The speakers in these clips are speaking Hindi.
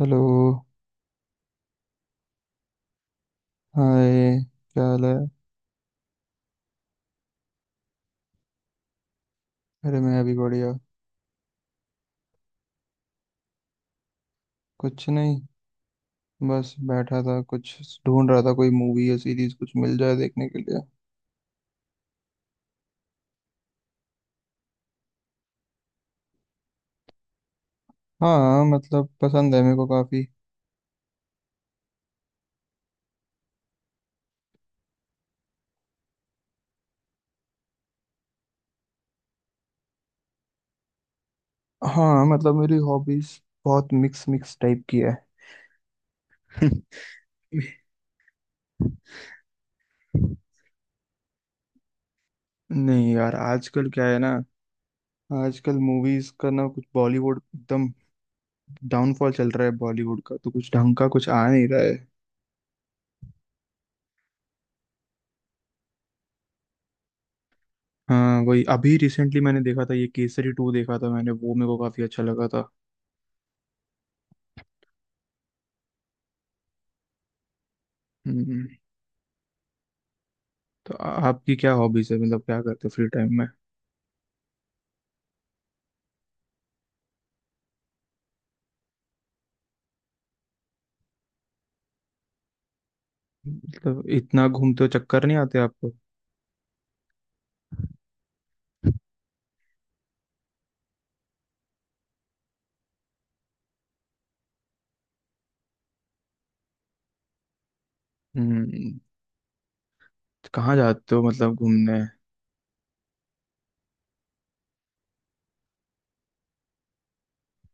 Hello hi. क्या हाल है। अरे मैं अभी बढ़िया। कुछ नहीं। बस बैठा था कुछ ढूंढ रहा था कोई मूवी या सीरीज कुछ मिल जाए देखने के लिए। हाँ मतलब पसंद है मेरे को काफी। हाँ मतलब मेरी हॉबीज बहुत मिक्स मिक्स टाइप की है। नहीं यार आजकल क्या है ना। आजकल मूवीज का ना कुछ बॉलीवुड एकदम डाउनफॉल चल रहा है बॉलीवुड का तो कुछ ढंग का कुछ आ नहीं रहा है। हाँ वही अभी रिसेंटली मैंने देखा था ये केसरी टू देखा था मैंने वो मेरे को काफी अच्छा लगा था। हम्म, तो आपकी क्या हॉबीज है मतलब क्या करते हो फ्री टाइम में। मतलब इतना घूमते हो चक्कर नहीं आते आपको। हम्म। कहाँ जाते हो मतलब घूमने।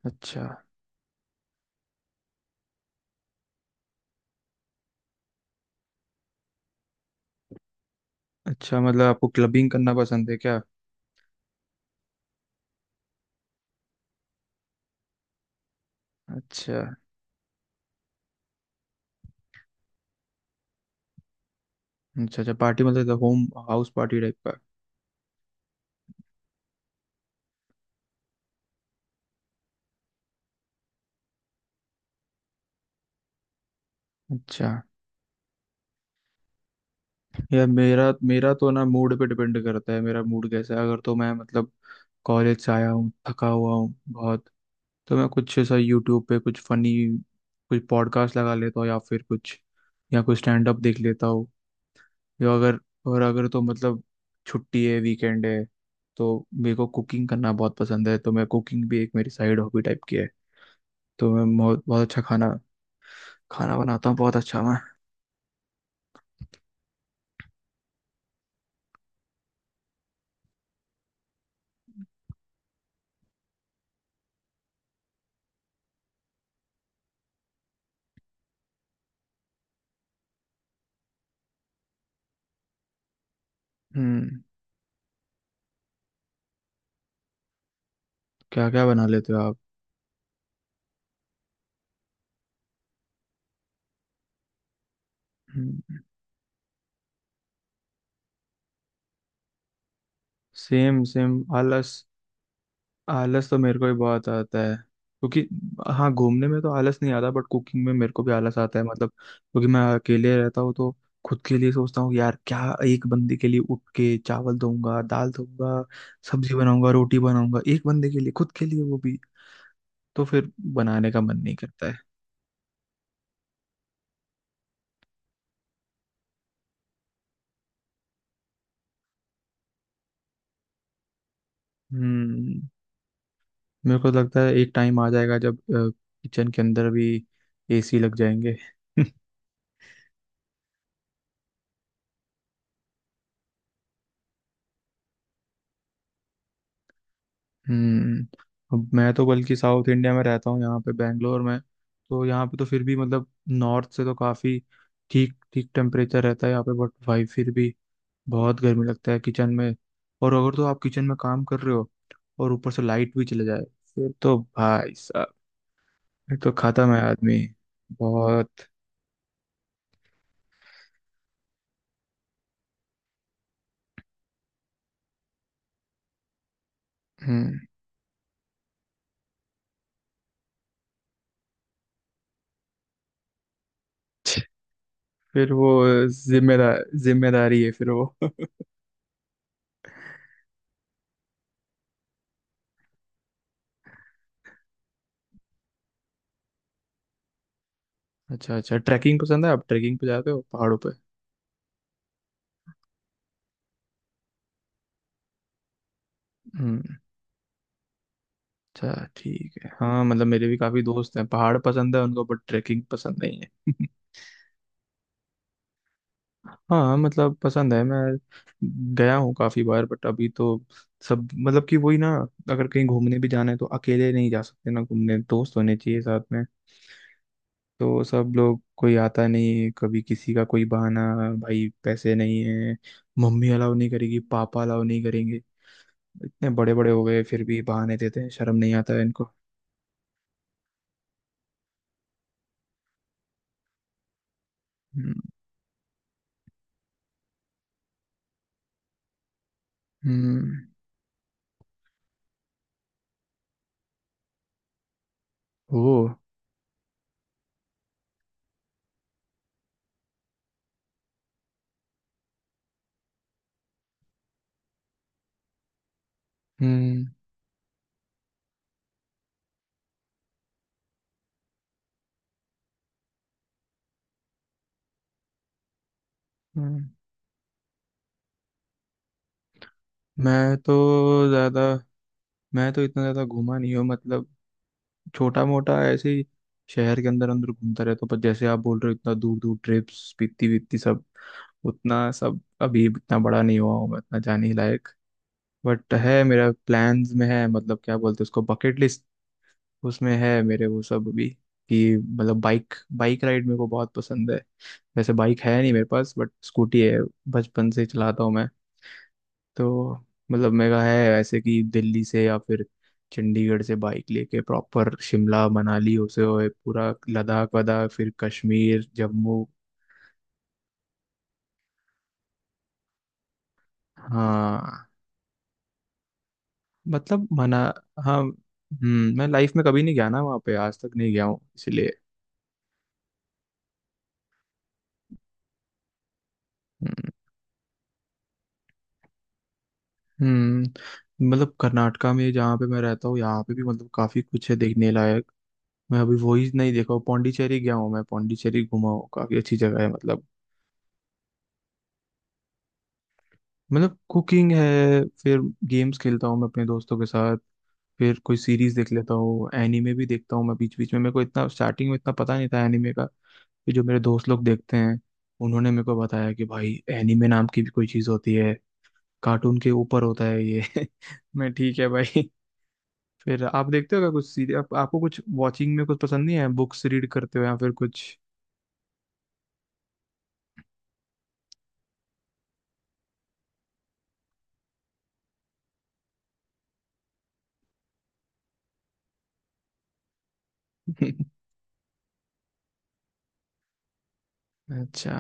अच्छा। अच्छा मतलब आपको क्लबिंग करना पसंद है क्या। अच्छा। अच्छा अच्छा पार्टी मतलब होम हाउस पार्टी टाइप का। अच्छा। यार मेरा मेरा तो ना मूड पे डिपेंड करता है मेरा मूड कैसा है अगर तो मैं मतलब। कॉलेज से आया हूँ थका हुआ हूँ बहुत। तो मैं कुछ ऐसा यूट्यूब पे कुछ फनी कुछ पॉडकास्ट लगा लेता हूँ या फिर कुछ या कुछ स्टैंड अप देख लेता हूँ या अगर और अगर तो मतलब छुट्टी है वीकेंड है। तो मेरे को कुकिंग करना बहुत पसंद है तो मैं कुकिंग भी एक मेरी साइड हॉबी टाइप की है। तो मैं बहुत बहुत अच्छा खाना खाना बनाता हूँ बहुत अच्छा मैं। हम्म। क्या क्या बना लेते हो आप। हम्म। सेम सेम आलस। आलस तो मेरे को भी बहुत आता है क्योंकि हाँ घूमने में तो आलस नहीं आता बट कुकिंग में मेरे को भी आलस आता है मतलब क्योंकि मैं अकेले रहता हूँ। तो खुद के लिए सोचता हूँ यार क्या। एक बंदे के लिए उठ के चावल धोऊंगा दाल धोऊंगा सब्जी बनाऊंगा रोटी बनाऊंगा एक बंदे के लिए खुद के लिए वो भी। तो फिर बनाने का मन नहीं करता है। हम्म। मेरे को लगता है एक टाइम आ जाएगा जब किचन के अंदर भी एसी लग जाएंगे। हम्म। अब मैं तो बल्कि साउथ इंडिया में रहता हूँ यहाँ पे बैंगलोर में। तो यहाँ पे तो फिर भी मतलब नॉर्थ से तो काफ़ी ठीक ठीक टेम्परेचर रहता है यहाँ पे बट भाई फिर भी बहुत गर्मी लगता है किचन में। और अगर तो आप किचन में काम कर रहे हो और ऊपर से लाइट भी चले जाए फिर तो भाई साहब फिर तो खत्म है आदमी बहुत। हम्म। फिर वो जिम्मेदारी है फिर वो। अच्छा अच्छा ट्रैकिंग पसंद है आप ट्रैकिंग पे जाते हो पहाड़ों पे। अच्छा ठीक है हाँ मतलब मेरे भी काफी दोस्त हैं पहाड़ पसंद है उनको बट ट्रैकिंग पसंद नहीं है। हाँ मतलब पसंद है मैं गया हूँ काफी बार बट अभी तो सब मतलब कि वही ना। अगर कहीं घूमने भी जाना है तो अकेले नहीं जा सकते ना घूमने दोस्त होने चाहिए साथ में। तो सब लोग कोई आता नहीं कभी किसी का कोई बहाना। भाई पैसे नहीं है। मम्मी अलाउ नहीं करेगी पापा अलाउ नहीं करेंगे। इतने बड़े बड़े हो गए फिर भी बहाने देते हैं शर्म नहीं आता है इनको। हम्म हम्म। वो हम्म हम्म। मैं तो ज्यादा मैं तो इतना ज्यादा घूमा नहीं हूँ मतलब। छोटा मोटा ऐसे ही शहर के अंदर अंदर घूमता रहता हूँ पर जैसे आप बोल रहे हो इतना दूर दूर ट्रिप्स पीती वीती सब उतना सब अभी इतना बड़ा नहीं हुआ हूँ मैं इतना जाने लायक। बट है मेरा प्लान्स में है मतलब क्या बोलते हैं उसको बकेट लिस्ट उसमें है मेरे वो सब अभी कि मतलब बाइक बाइक राइड मेरे को बहुत पसंद है। वैसे बाइक है नहीं मेरे पास बट स्कूटी है बचपन से ही चलाता हूँ मैं। तो मतलब मेरा है ऐसे कि दिल्ली से या फिर चंडीगढ़ से बाइक लेके प्रॉपर शिमला मनाली होते हुए पूरा लद्दाख वदाख फिर कश्मीर जम्मू। हाँ मतलब मना। हाँ मैं लाइफ में कभी नहीं गया ना वहाँ पे आज तक नहीं गया हूँ इसलिए। हम्म हम्म। मतलब कर्नाटका में जहाँ पे मैं रहता हूँ यहाँ पे भी मतलब काफी कुछ है देखने लायक। मैं अभी वही नहीं देखा हूँ। पौंडीचेरी गया हूँ मैं पौंडीचेरी घुमा हूँ काफी अच्छी जगह है मतलब। मतलब कुकिंग है। फिर गेम्स खेलता हूँ मैं अपने दोस्तों के साथ। फिर कोई सीरीज देख लेता हूँ एनीमे भी देखता हूँ मैं बीच बीच में। मेरे को इतना स्टार्टिंग में इतना पता नहीं था एनीमे का फिर जो मेरे दोस्त लोग देखते हैं उन्होंने मेरे को बताया कि भाई एनीमे नाम की भी कोई चीज़ होती है। कार्टून के ऊपर होता है ये। मैं ठीक है भाई। फिर आप देखते हो क्या कुछ सीरीज आपको कुछ वॉचिंग में कुछ पसंद नहीं है बुक्स रीड करते हो या फिर कुछ। अच्छा।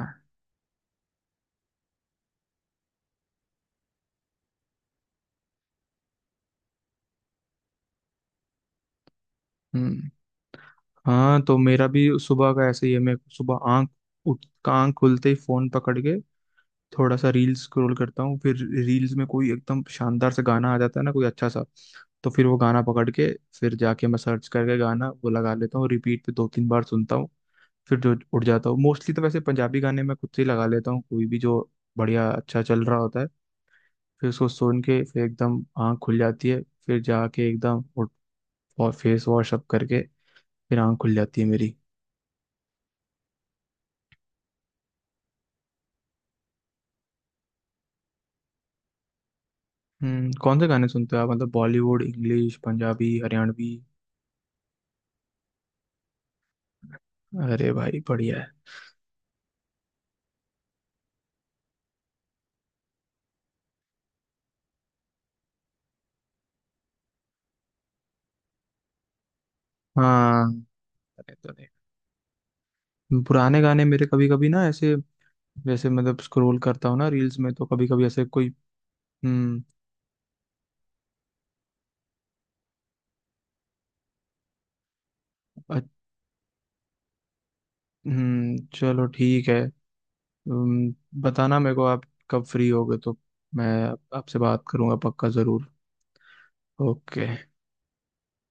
हम्म। हाँ तो मेरा भी सुबह का ऐसे ही है मैं सुबह आंख खुलते ही फोन पकड़ के थोड़ा सा रील्स स्क्रॉल करता हूँ। फिर रील्स में कोई एकदम शानदार सा गाना आ जाता है ना कोई अच्छा सा। तो फिर वो गाना पकड़ के फिर जाके मैं सर्च करके गाना वो लगा लेता हूँ रिपीट पे 2-3 बार सुनता हूँ। फिर जो उठ जाता हूँ मोस्टली। तो वैसे पंजाबी गाने मैं खुद से ही लगा लेता हूँ कोई भी जो बढ़िया अच्छा चल रहा होता है। फिर उसको सुन के फिर एकदम आँख खुल जाती है। फिर जाके एकदम फेस वॉश अप करके फिर आँख खुल जाती है मेरी। कौन से गाने सुनते हो आप मतलब बॉलीवुड इंग्लिश पंजाबी हरियाणवी। अरे भाई बढ़िया है। हाँ। अरे तो नहीं पुराने गाने मेरे कभी कभी ना ऐसे जैसे मतलब स्क्रॉल करता हूँ ना रील्स में तो कभी कभी ऐसे कोई। हम्म। अ- चलो ठीक है। हम्म। बताना मेरे को आप कब फ्री होगे तो मैं आपसे बात करूंगा पक्का जरूर। ओके।